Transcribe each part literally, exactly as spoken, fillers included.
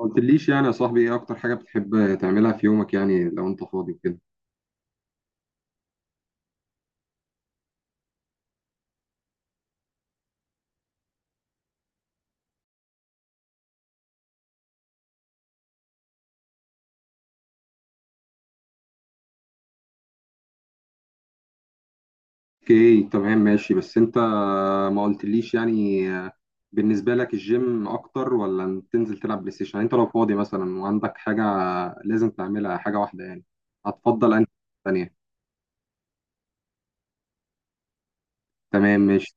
ما قلتليش يعني يا صاحبي ايه اكتر حاجة بتحب تعملها في يومك يعني لو انت فاضي وكده. اوكي، تمام ماشي، بس انت آه، ما قلتليش يعني آه، بالنسبة لك الجيم اكتر ولا إن تنزل تلعب بلاي ستيشن؟ يعني انت لو فاضي مثلا وعندك حاجة لازم تعملها، حاجة واحدة يعني، هتفضل انهي تانية؟ تمام ماشي.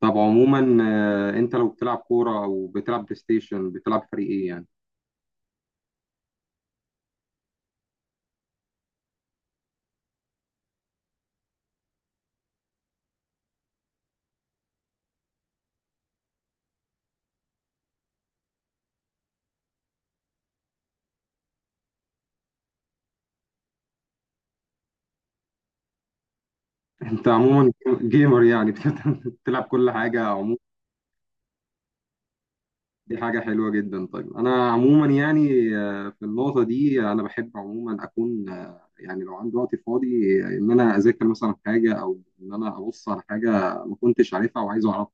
طب عموما آه، انت لو بتلعب كورة او بتلعب بلاي ستيشن، بتلعب فريق ايه يعني؟ انت عموما جيمر يعني، بت- بتلعب كل حاجة. دي حاجة حلوة جدا. طيب أنا عموما يعني آه، في النقطة دي أنا بحب عموما أكون آه، يعني لو عندي وقت فاضي آه، إن أنا أذاكر مثلا حاجة أو إن أنا أبص على حاجة ما كنتش عارفها وعايز أعرفها.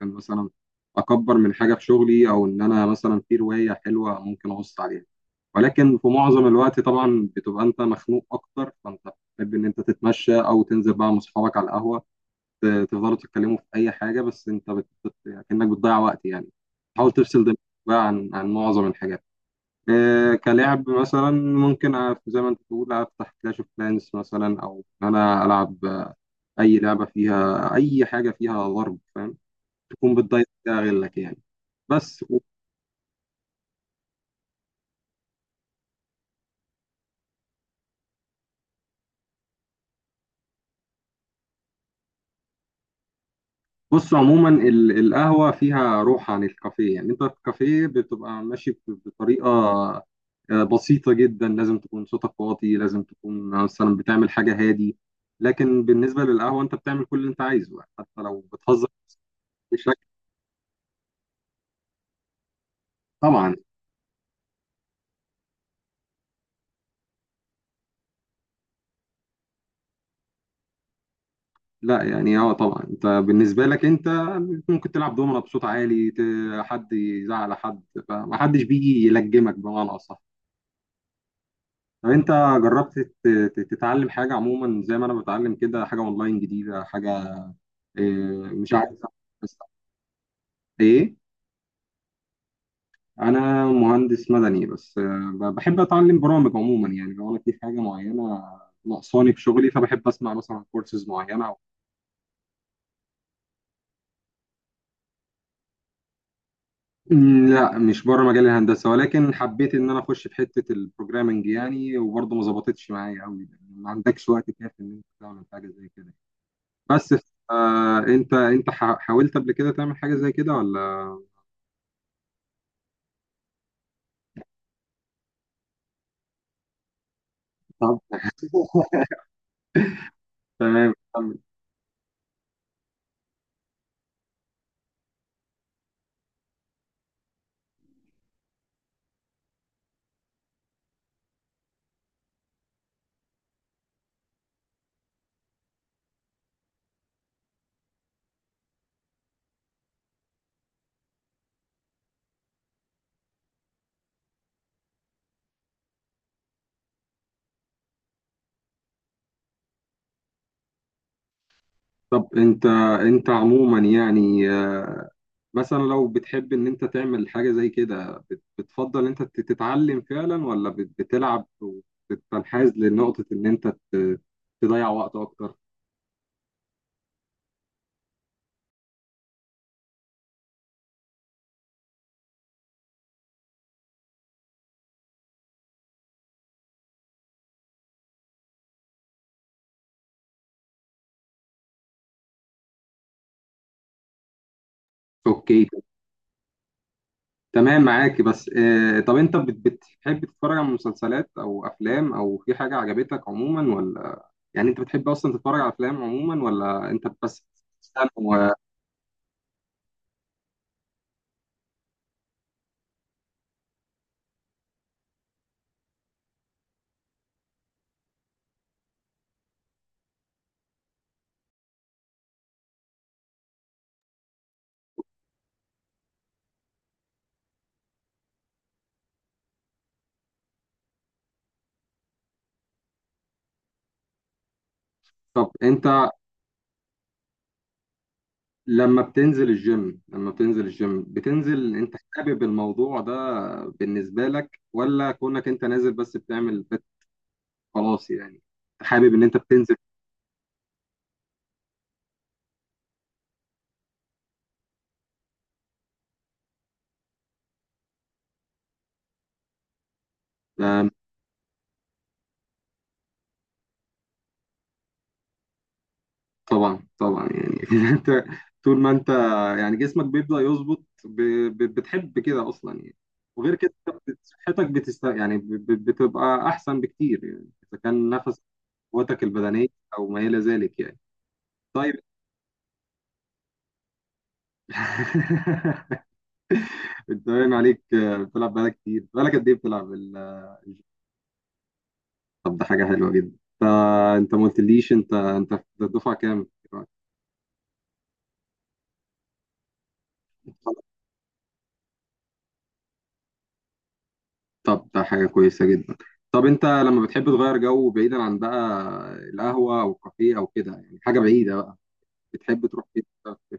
كان مثلا أكبر من حاجة في شغلي، أو إن أنا مثلا في رواية حلوة ممكن أبص عليها. ولكن في معظم الوقت طبعا بتبقى أنت مخنوق أكتر، فأنت بتحب إن أنت تتمشى أو تنزل بقى مع أصحابك على القهوة، تفضلوا تتكلموا في اي حاجه، بس انت بت... بت... كانك بتضيع وقت يعني. حاول تفصل دماغك بقى عن عن معظم الحاجات، إيه كلعب مثلا، ممكن أ- زي ما انت بتقول افتح كلاش اوف كلانس مثلا، او إن انا العب آه، اي لعبه فيها اي حاجه فيها ضرب، فاهم، تكون بتضيع غيرك يعني بس. بص عموما ال- القهوة فيها روح عن الكافيه، يعني انت في الكافيه بتبقى ماشي ب- بطريقة آه، بسيطة جدا، لازم تكون صوتك واطي، لازم تكون مثلا بتعمل حاجة هادي، لكن بالنسبة للقهوة انت بتعمل كل اللي انت عايزه يعني، حتى لو بتهزر بشكل. طبعا. لا يعني اه، طبعا انت بالنسبة لك انت ممكن تلعب دومنة بصوت عالي، ت- حد يزعل حد، فمحدش بيجي يلجمك بمعنى أصح. طب انت جربت تت- تت- تتعلم حاجه عموما زي ما انا بتعلم كده، حاجه اونلاين جديده، حاجه اه، مش عارف، بس ايه؟ انا مهندس مدني بس اه، ب- بحب اتعلم برامج عموما، يعني لو انا في حاجه معينه ناقصاني في شغلي فبحب اسمع مثلا كورسز معينه او مم، لا، مش بره مجال الهندسه، ولكن حبيت ان انا اخش في حته البروجرامنج يعني، وبرضه ما ظبطتش معايا قوي، ما عندكش وقت كافي ان انت تعمل حاجه زي كده بس. آه، انت انت حا- حاولت قبل كده تعمل حاجه زي كده ولا؟ طب تمام، كمل. طب انت، انت عموما يعني آه، مثلا لو بتحب ان انت تعمل حاجه زي كده، بت- بتفضل انت تت- تتعلم فعلا ولا بت- بتلعب وتنحاز لنقطه ان انت ت- تضيع وقت اكتر؟ اوكي تمام، معاك. بس آه، طب انت بت- بتحب تتفرج على مسلسلات او افلام، او في حاجه عجبتك عموما ولا؟ يعني انت بتحب اصلا تتفرج على افلام عموما، ولا انت بس بتستنى و... طب انت لما بتنزل الجيم، لما بتنزل الجيم بتنزل انت حابب الموضوع ده بالنسبة لك، ولا كونك انت نازل بس بتعمل فت- خلاص يعني، حابب ان انت بتنزل؟ آه، طبعا طبعا، يعني انت طول ما انت يعني جسمك بيبدأ يظبط ب- ب- بتحب كده اصلا يعني. وغير كده أنت بت- صحتك بتست يعني، ب- ب- بتبقى احسن بكتير يعني، اذا كان نفس قوتك البدنية او ما الى ذلك يعني. طيب انت باين عليك بتلعب بقالك كتير، بقالك قد ايه بتلعب ال- الجيم؟ طب ده حاجة حلوة جدا. انت انت ما قلتليش، انت انت في الدفعة كام دلوقتي؟ طب ده حاجة كويسة جدا. طب انت لما بتحب تغير جو بعيدا عن بقى القهوة او الكافيه او كده، يعني حاجة بعيدة بقى، بتحب تروح فين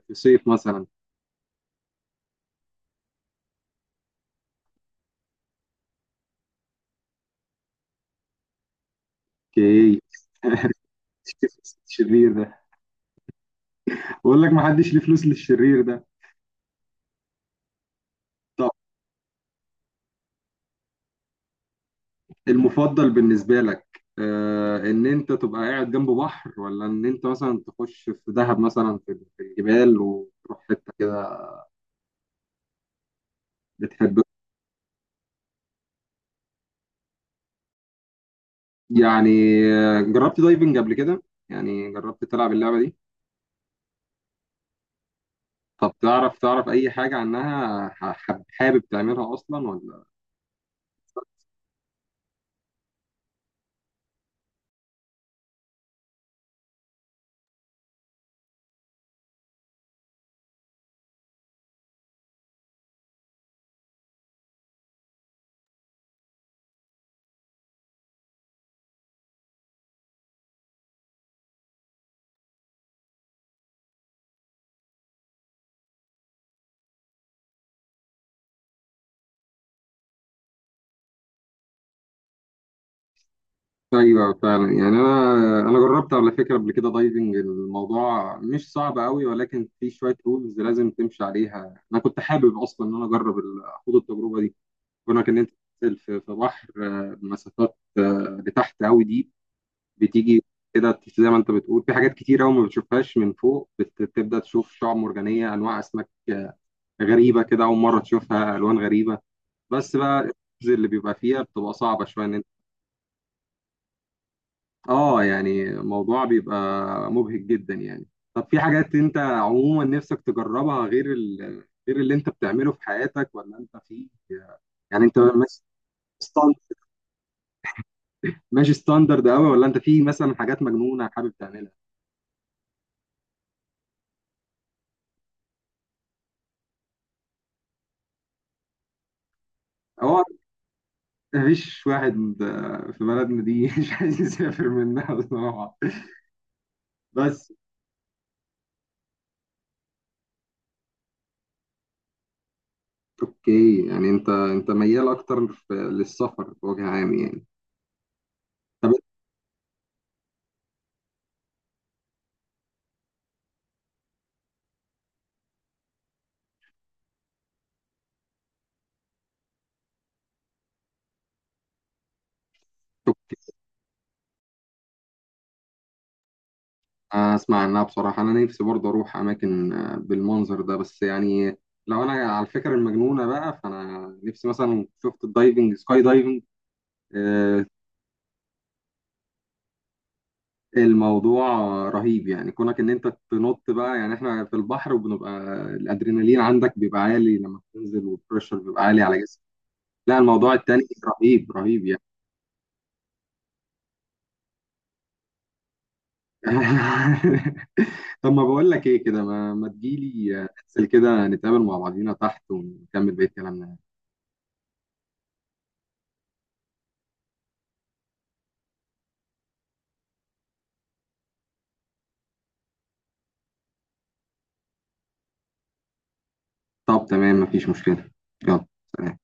في الصيف مثلا؟ اوكي. الشرير ده؟ بقول لك ما حدش ليه فلوس للشرير ده. طب المفضل بالنسبة لك آه، ان انت تبقى قاعد جنب بحر، ولا ان انت مثلا تخش في دهب مثلا في في الجبال وتروح حتة كده؟ بتحب. يعني آه، جربت دايفنج قبل كده؟ يعني جربت تلعب اللعبة دي؟ طب تعرف تعرف أي حاجة عنها؟ ح- حب- حابب تعملها أصلا ولا؟ أيوه فعلا، يعني أنا أنا جربت على فكرة قبل كده دايفنج، الموضوع مش صعب أوي، ولكن في شوية رولز لازم تمشي عليها. أنا كنت حابب أصلا إن أنا أجرب ال- أخوض التجربة دي. كنا كان أنت بتنزل في في بحر آه، بمسافات آه، لتحت أوي دي، بتيجي كده زي ما أنت بتقول، في حاجات كتير أوي ما بتشوفهاش من فوق، بت- بتبدأ تشوف شعاب مرجانية، أنواع أسماك آه، غريبة كده أول مرة تشوفها، ألوان غريبة. بس بقى الرينج اللي بيبقى فيها بتبقى صعبة شوية ان انت. اه يعني الموضوع بيبقى مبهج جدا يعني. طب في حاجات انت عموما نفسك تجربها غير ال... غير اللي انت بتعمله في حياتك، ولا انت في، يعني انت ماشي ستاند- ماشي ستاندرد قوي، ولا انت في مثلا حاجات مجنونة حابب تعملها؟ هو مفيش واحد آه، في بلدنا دي مش عايز يسافر منها بصراحة، بس. اوكي، يعني انت انت ميال اكتر في- للسفر بوجه عام يعني. طب اسمع عنها بصراحة، انا نفسي برضه اروح اماكن آه، بالمنظر ده، بس يعني لو انا على الفكرة المجنونة بقى، فانا نفسي مثلا شفت الدايفنج، سكاي دايفنج آه، الموضوع رهيب يعني، كونك ان انت تنط بقى. يعني احنا في البحر وبنبقى الادرينالين عندك بيبقى عالي لما بتنزل، والبريشر بيبقى عالي على جسمك. لا، الموضوع التاني رهيب رهيب يعني. طب ما بقول لك ايه، كده ما, ما تجيلي آه، ننزل كده نتقابل مع بعضينا تحت ونكمل بقية كلامنا. طب تمام، مفيش مشكلة. يلا. سلام.